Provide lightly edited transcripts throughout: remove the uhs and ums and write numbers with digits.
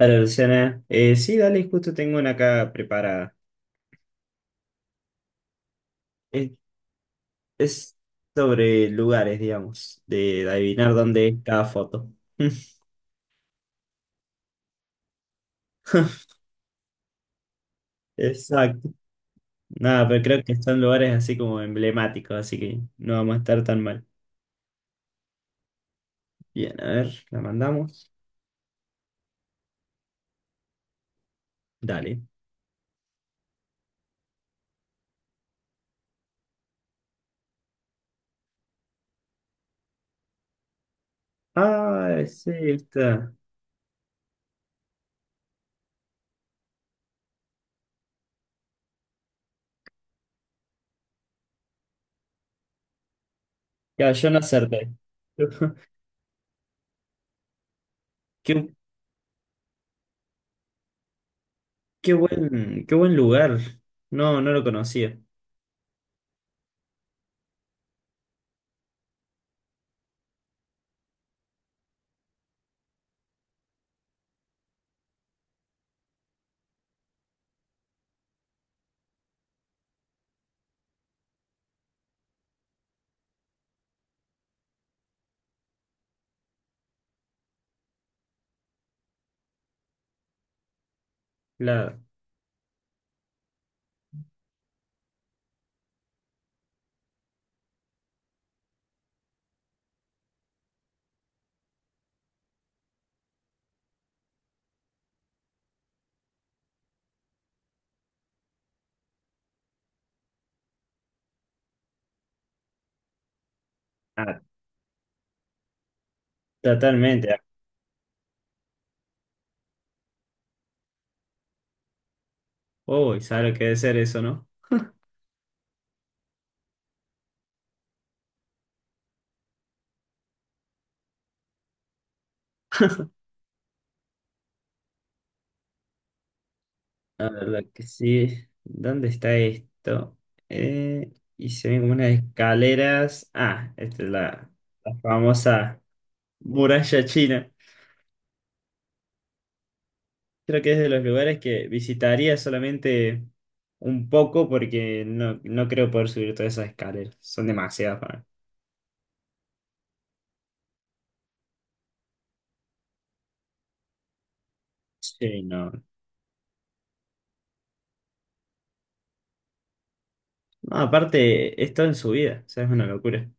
Hola Luciana. Sí, dale, justo tengo una acá preparada. Es, es sobre lugares, digamos, de adivinar dónde es cada foto. Exacto. Nada, pero creo que son lugares así como emblemáticos, así que no vamos a estar tan mal. Bien, a ver, la mandamos. Dale. Ah, sí, está. Ya, yo no acerté. Qué, qué buen lugar. No lo conocía. Claro. Ah, totalmente. Uy, ¿sabes lo que debe ser eso, no? La verdad que sí. ¿Dónde está esto? Eh, y se ven como unas escaleras. Ah, la famosa muralla china. Creo que es de los lugares que visitaría solamente un poco porque no creo poder subir todas esas escaleras. Son demasiadas para mí. Sí, no. No, aparte, es todo en su vida. O sea, es una locura.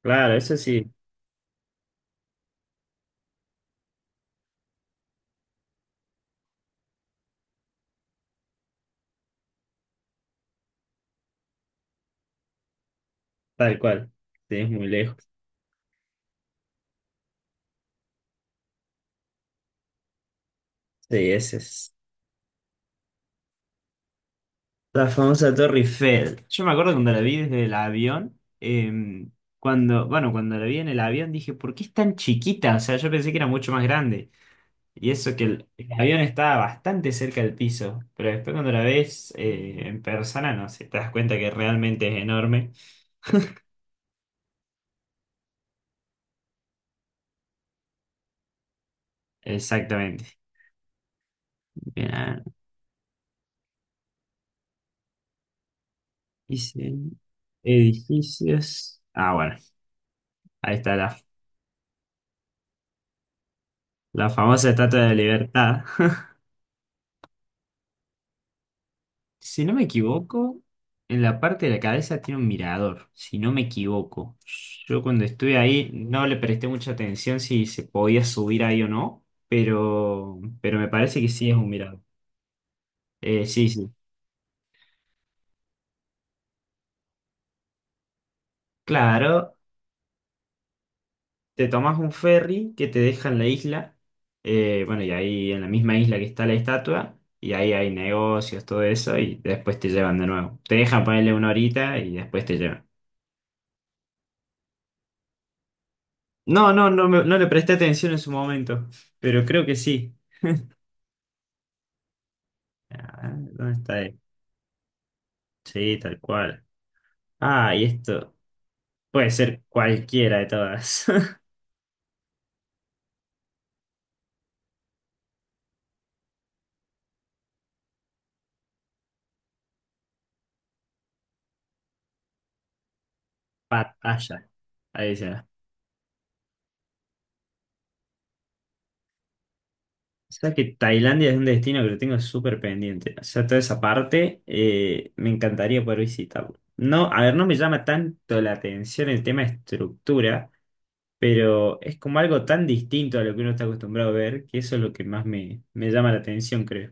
Claro, eso sí, tal cual. Sí, es muy lejos. Sí, ese es. La famosa Torre Eiffel. Yo me acuerdo cuando la vi desde el avión. Cuando, bueno, cuando la vi en el avión dije, ¿por qué es tan chiquita? O sea, yo pensé que era mucho más grande. Y eso que el avión estaba bastante cerca del piso, pero después cuando la ves en persona, no sé, te das cuenta que realmente es enorme. Exactamente. Bien, a ver, dice, edificios. Ah, bueno, ahí está la, la famosa Estatua de la Libertad. Si no me equivoco, en la parte de la cabeza tiene un mirador, si no me equivoco. Yo cuando estuve ahí no le presté mucha atención si se podía subir ahí o no, pero me parece que sí es un mirador. Sí, sí. Claro, te tomas un ferry que te deja en la isla, bueno, y ahí en la misma isla que está la estatua, y ahí hay negocios, todo eso, y después te llevan de nuevo. Te dejan ponerle una horita y después te llevan. No, no le presté atención en su momento, pero creo que sí. Ah, ¿dónde está él? Sí, tal cual. Ah, y esto puede ser cualquiera de todas. Pattaya. Ahí se va. O sea que Tailandia es un destino que lo tengo súper pendiente. O sea, toda esa parte me encantaría poder visitarlo. No, a ver, no me llama tanto la atención el tema estructura, pero es como algo tan distinto a lo que uno está acostumbrado a ver, que eso es lo que más me llama la atención, creo.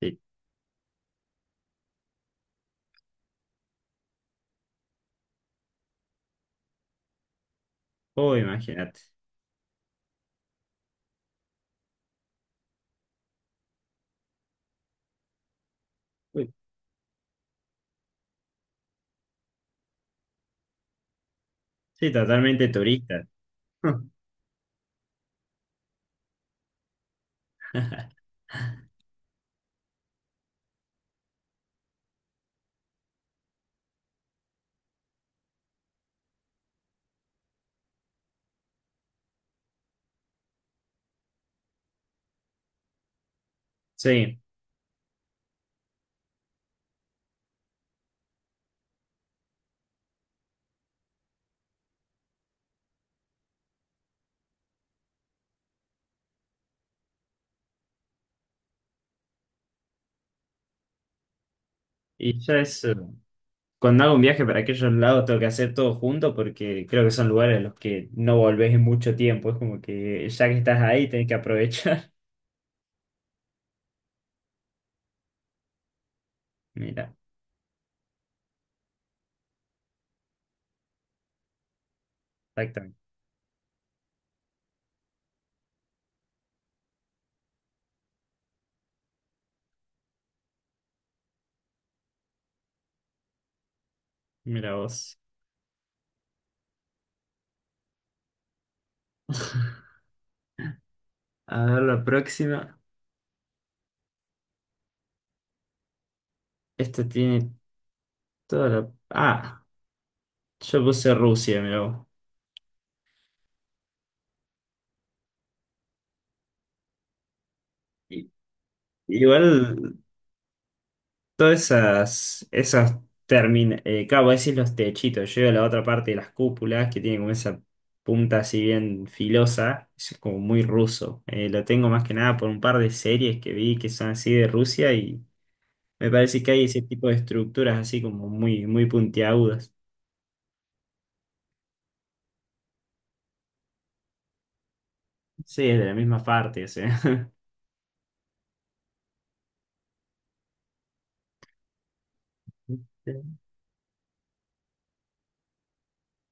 Sí. Oh, imagínate. Uy. Sí, totalmente turista. Sí, y ya es... Cuando hago un viaje para aquellos lados tengo que hacer todo junto porque creo que son lugares a los que no volvés en mucho tiempo. Es como que ya que estás ahí tenés que aprovechar. Mira, exactamente. Mira vos. A ver la próxima. Esta tiene toda la... Ah, yo puse Rusia, mira vos. I- Igual Todas esas claro, vos decís los techitos, yo digo la otra parte de las cúpulas que tiene como esa punta así bien filosa, es como muy ruso. Lo tengo más que nada por un par de series que vi que son así de Rusia y me parece que hay ese tipo de estructuras así como muy puntiagudas. Sí, es de la misma parte, o sea.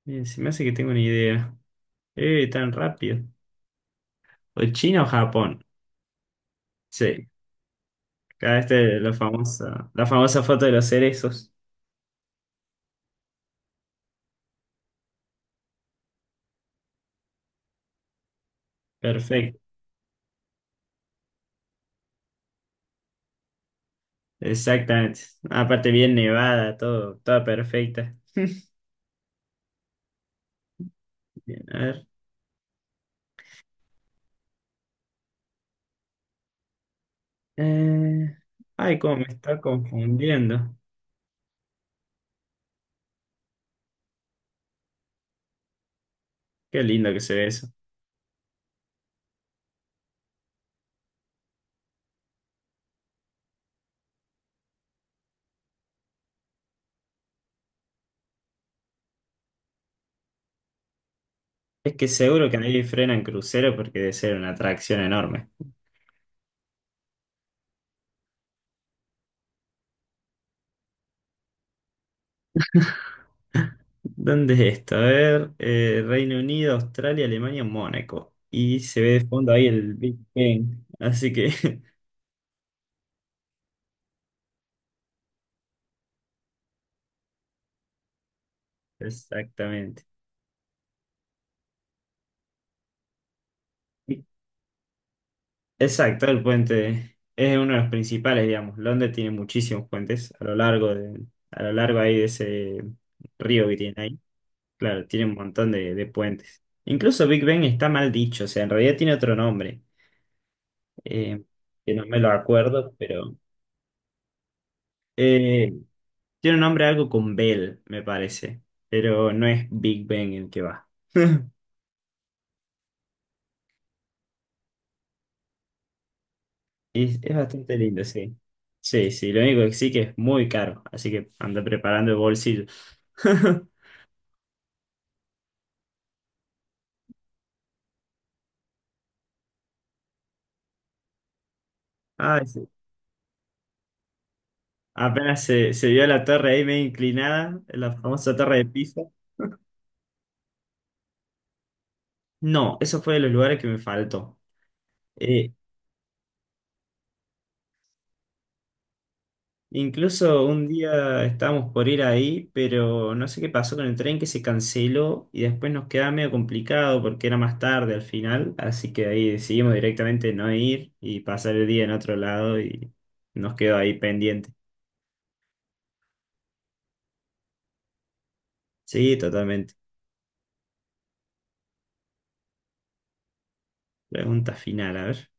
Bien, se me hace que tengo una idea. Tan rápido. O China o Japón. Sí, acá este, la famosa foto de los cerezos. Perfecto. Exactamente. Aparte bien nevada, todo, toda perfecta. Bien, a ver. Eh, Ay, cómo me está confundiendo. Qué lindo que se ve eso. Es que seguro que ahí frenan crucero porque debe ser una atracción enorme. ¿Dónde es esto? A ver, Reino Unido, Australia, Alemania, Mónaco. Y se ve de fondo ahí el Big Ben. Así que, exactamente. Exacto, el puente es uno de los principales, digamos. Londres tiene muchísimos puentes a lo largo ahí de ese río que tiene ahí. Claro, tiene un montón de puentes. Incluso Big Ben está mal dicho, o sea, en realidad tiene otro nombre, eh, que no me lo acuerdo, pero eh, tiene un nombre algo con Bell, me parece, pero no es Big Ben el que va. Es bastante lindo, sí. Sí, sí, lo único que sí que es muy caro, así que anda preparando el bolsillo. Ah, sí. Se vio la torre ahí medio inclinada, la famosa torre de Pisa. No, eso fue de los lugares que me faltó. Eh, Incluso un día estábamos por ir ahí, pero no sé qué pasó con el tren que se canceló y después nos quedaba medio complicado porque era más tarde al final, así que ahí decidimos directamente no ir y pasar el día en otro lado y nos quedó ahí pendiente. Sí, totalmente. Pregunta final, a ver.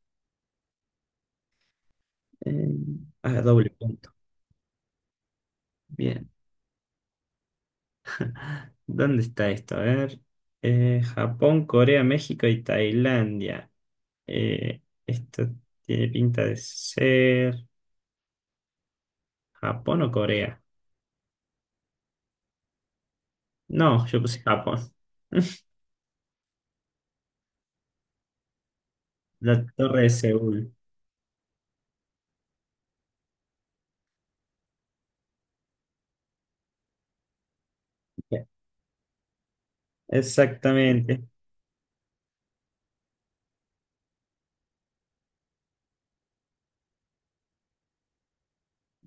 Eh, a doble punto. Bien. ¿Dónde está esto? A ver. Japón, Corea, México y Tailandia. Esto tiene pinta de ser Japón o Corea. No, yo puse Japón. La Torre de Seúl. Exactamente.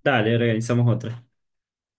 Dale, organizamos otra.